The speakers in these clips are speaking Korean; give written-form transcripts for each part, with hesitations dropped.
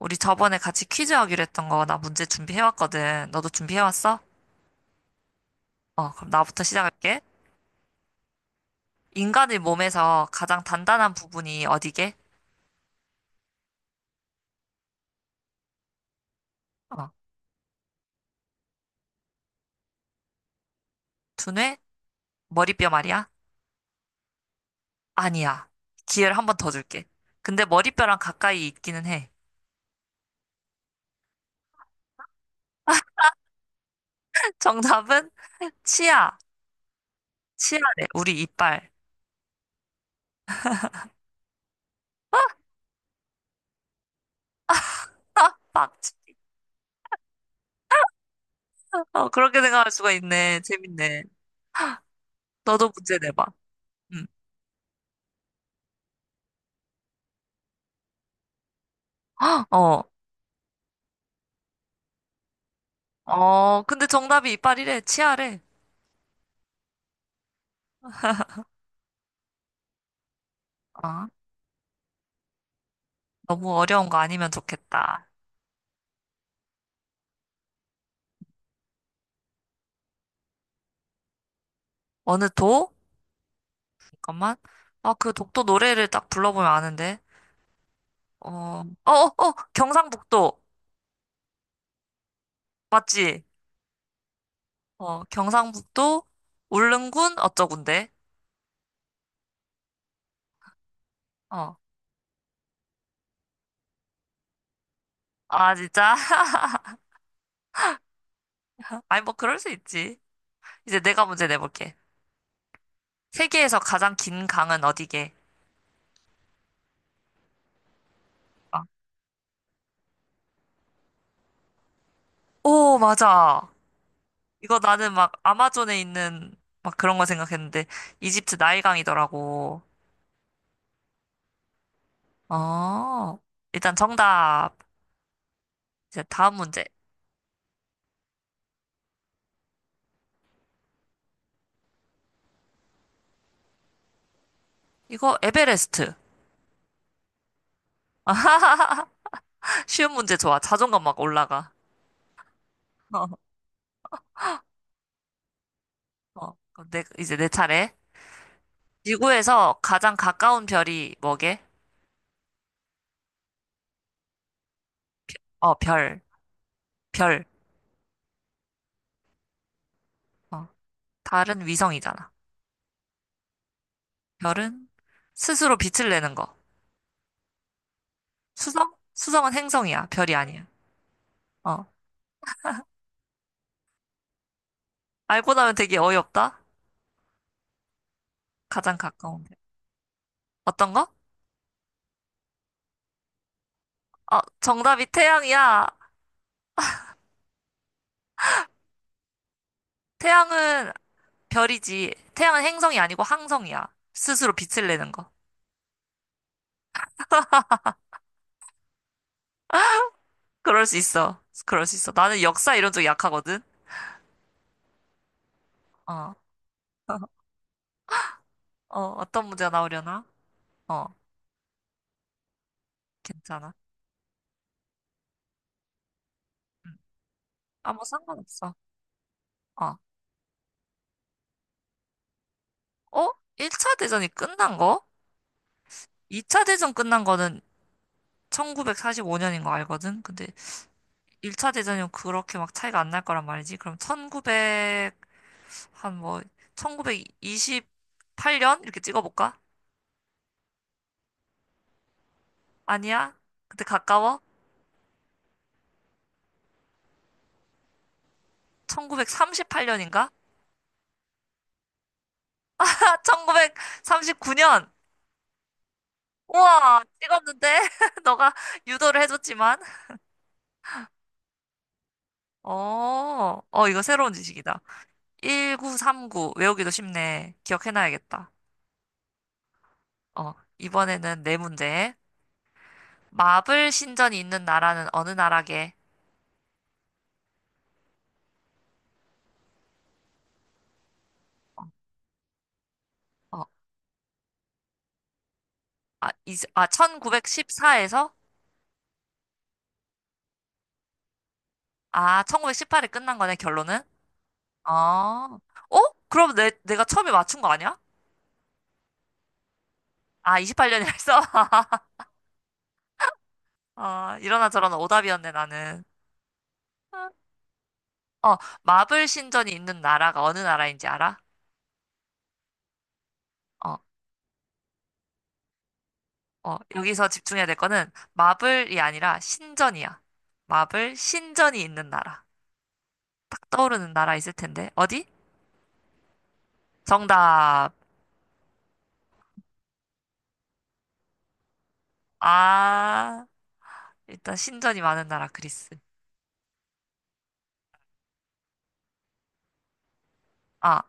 우리 저번에 같이 퀴즈 하기로 했던 거 나 문제 준비해왔거든. 너도 준비해왔어? 어, 그럼 나부터 시작할게. 인간의 몸에서 가장 단단한 부분이 어디게? 어, 두뇌? 머리뼈 말이야? 아니야. 기회를 한 번 더 줄게. 근데 머리뼈랑 가까이 있기는 해. 정답은 치아. 치아래. 우리 이빨. 빡. 어, 그렇게 생각할 수가 있네. 재밌네. 너도 문제 내봐. 응. 어. 어, 근데 정답이 이빨이래. 치아래. 어, 너무 어려운 거 아니면 좋겠다. 어느 도? 잠깐만. 아, 그 독도 노래를 딱 불러보면 아는데. 어, 어, 어, 어, 경상북도. 맞지? 어, 경상북도, 울릉군, 어쩌군데. 어. 아, 진짜? 아니, 뭐, 그럴 수 있지. 이제 내가 문제 내볼게. 세계에서 가장 긴 강은 어디게? 아. 오, 맞아. 이거 나는 막 아마존에 있는 막 그런 거 생각했는데, 이집트 나일강이더라고. 어, 일단 정답. 이제 다음 문제. 이거 에베레스트. 아하하. 쉬운 문제 좋아. 자존감 막 올라가. 어. 그럼 이제 내 차례. 지구에서 가장 가까운 별이 뭐게? 어, 별. 별. 어. 달은 위성이잖아. 별은 스스로 빛을 내는 거. 수성? 수성은 행성이야. 별이 아니야. 어. 알고 나면 되게 어이없다. 가장 가까운 별. 어떤 거? 어, 정답이 태양이야. 태양은 별이지. 태양은 행성이 아니고 항성이야. 스스로 빛을 내는 거. 그럴 수 있어. 그럴 수 있어. 나는 역사 이런 쪽 약하거든. 어. 어, 어떤 문제 가 나오려나? 어, 괜찮아. 응. 아무 상관없어. 어. 어? 1차 대전이 끝난 거? 2차 대전 끝난 거는 1945년인 거 알거든? 근데 1차 대전이면 그렇게 막 차이가 안 날 거란 말이지. 그럼 1900, 한 뭐, 1928년? 이렇게 찍어볼까? 아니야? 근데 가까워? 1938년인가? 아, 1939년! 우와, 찍었는데? 너가 유도를 해줬지만. 어, 이거 새로운 지식이다. 1939. 외우기도 쉽네. 기억해놔야겠다. 어, 이번에는 네 문제. 마블 신전이 있는 나라는 어느 나라게? 어, 1914에서? 아, 1918에 끝난 거네, 결론은? 어, 어? 그럼 내가 처음에 맞춘 거 아니야? 아, 28년이라 했어? 아, 이러나 저러나 오답이었네, 나는. 어, 마블 신전이 있는 나라가 어느 나라인지 알아? 어, 어, 여기서 집중해야 될 거는 마블이 아니라 신전이야. 마블 신전이 있는 나라. 딱 떠오르는 나라 있을 텐데. 어디? 정답. 아, 일단 신전이 많은 나라 그리스. 아,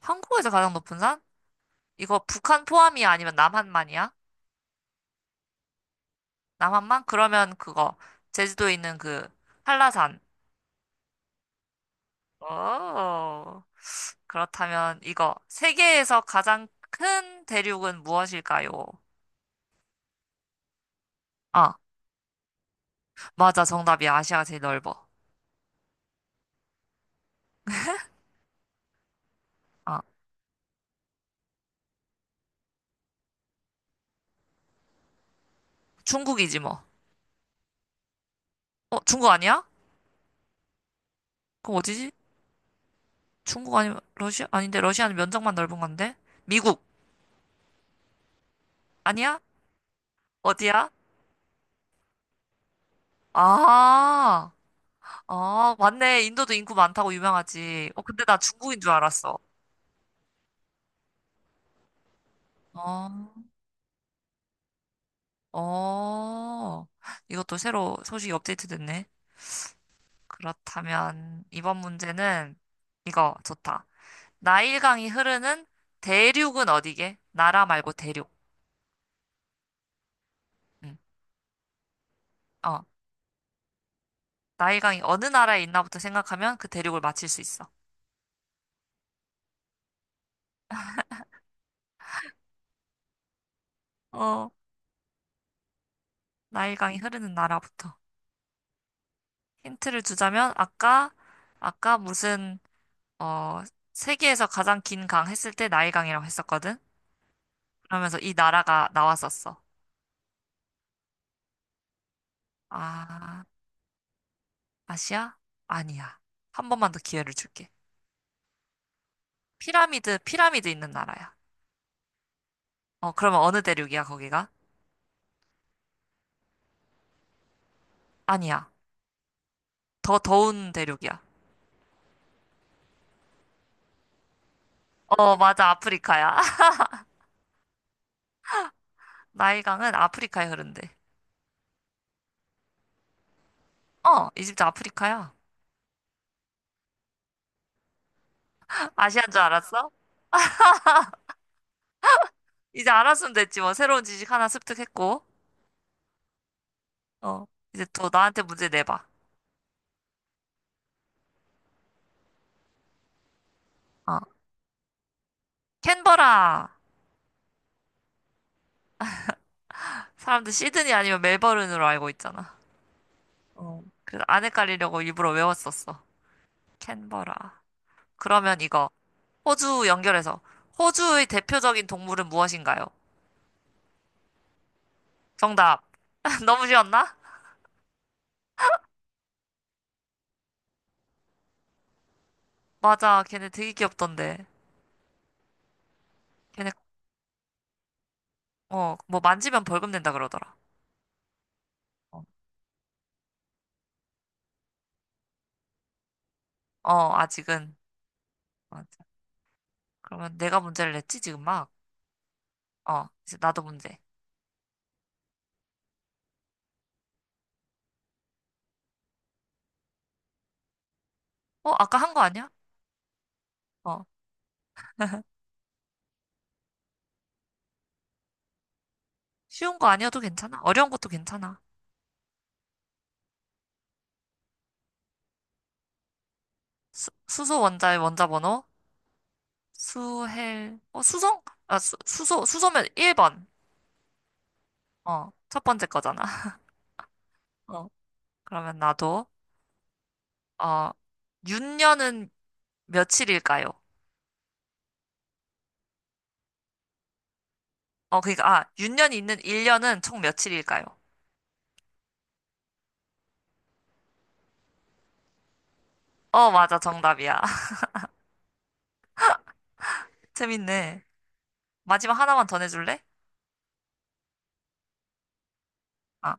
한국에서 가장 높은 산? 이거 북한 포함이야? 아니면 남한만이야? 남한만? 그러면 그거. 제주도에 있는 그 한라산. 오, 그렇다면 이거. 세계에서 가장 큰 대륙은 무엇일까요? 아, 맞아. 정답이야. 아시아가 제일 넓어. 아, 중국이지 뭐. 어, 중국 아니야? 그럼 어디지? 중국 아니면 러시아? 아닌데 러시아는 면적만 넓은 건데. 미국 아니야? 어디야? 아, 아, 맞네. 인도도 인구 많다고 유명하지. 어, 근데 나 중국인 줄 알았어. 어, 어, 이것도 새로 소식이 업데이트 됐네. 그렇다면 이번 문제는 이거 좋다. 나일강이 흐르는 대륙은 어디게? 나라 말고 대륙. 응. 어. 나일강이 어느 나라에 있나부터 생각하면 그 대륙을 맞힐 수 있어. 어, 나일강이 흐르는 나라부터. 힌트를 주자면 아까 무슨 어 세계에서 가장 긴 강 했을 때 나일강이라고 했었거든. 그러면서 이 나라가 나왔었어. 아, 아시아? 아니야. 한 번만 더 기회를 줄게. 피라미드 있는 나라야. 어, 그러면 어느 대륙이야, 거기가? 아니야. 더 더운 대륙이야. 어, 맞아. 아프리카야. 나일강은 아프리카에 흐른대. 어, 이집트 아프리카야. 아시안 줄 알았어? 이제 알았으면 됐지 뭐 새로운 지식 하나 습득했고 어 이제 또 나한테 문제 내봐 어 캔버라. 사람들 시드니 아니면 멜버른으로 알고 있잖아. 어 그래서 안 헷갈리려고 일부러 외웠었어. 캔버라. 그러면 이거 호주 연결해서 호주의 대표적인 동물은 무엇인가요? 정답. 너무 쉬웠나? 맞아 걔네 되게 귀엽던데. 걔네 어 뭐 만지면 벌금 낸다 그러더라. 어 어, 아직은 맞아. 그러면 내가 문제를 냈지 지금 막 어, 이제 나도 문제. 어, 아까 한 거 아니야? 어, 쉬운 거 아니어도 괜찮아. 어려운 것도 괜찮아. 수소 원자의 원자 번호, 수헬, 어, 수소? 아, 수소면 1번. 어, 첫 번째 거잖아. 어, 그러면 나도, 어, 윤년은 며칠일까요? 어, 그니까, 아, 윤년이 있는 1년은 총 며칠일까요? 어, 맞아, 정답이야. 재밌네. 마지막 하나만 더 내줄래? 아,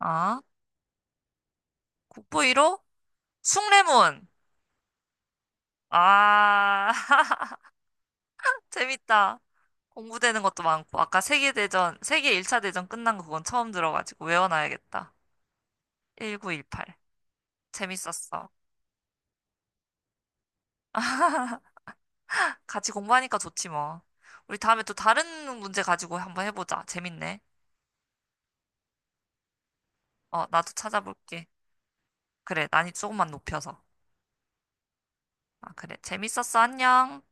아, 국보 1호, 숭례문. 아. 재밌다. 공부되는 것도 많고, 아까 세계대전, 세계 1차 대전 끝난 거 그건 처음 들어가지고 외워놔야겠다. 1918. 재밌었어. 같이 공부하니까 좋지 뭐. 우리 다음에 또 다른 문제 가지고 한번 해보자. 재밌네. 어, 나도 찾아볼게. 그래, 난이 조금만 높여서. 아, 그래. 재밌었어. 안녕.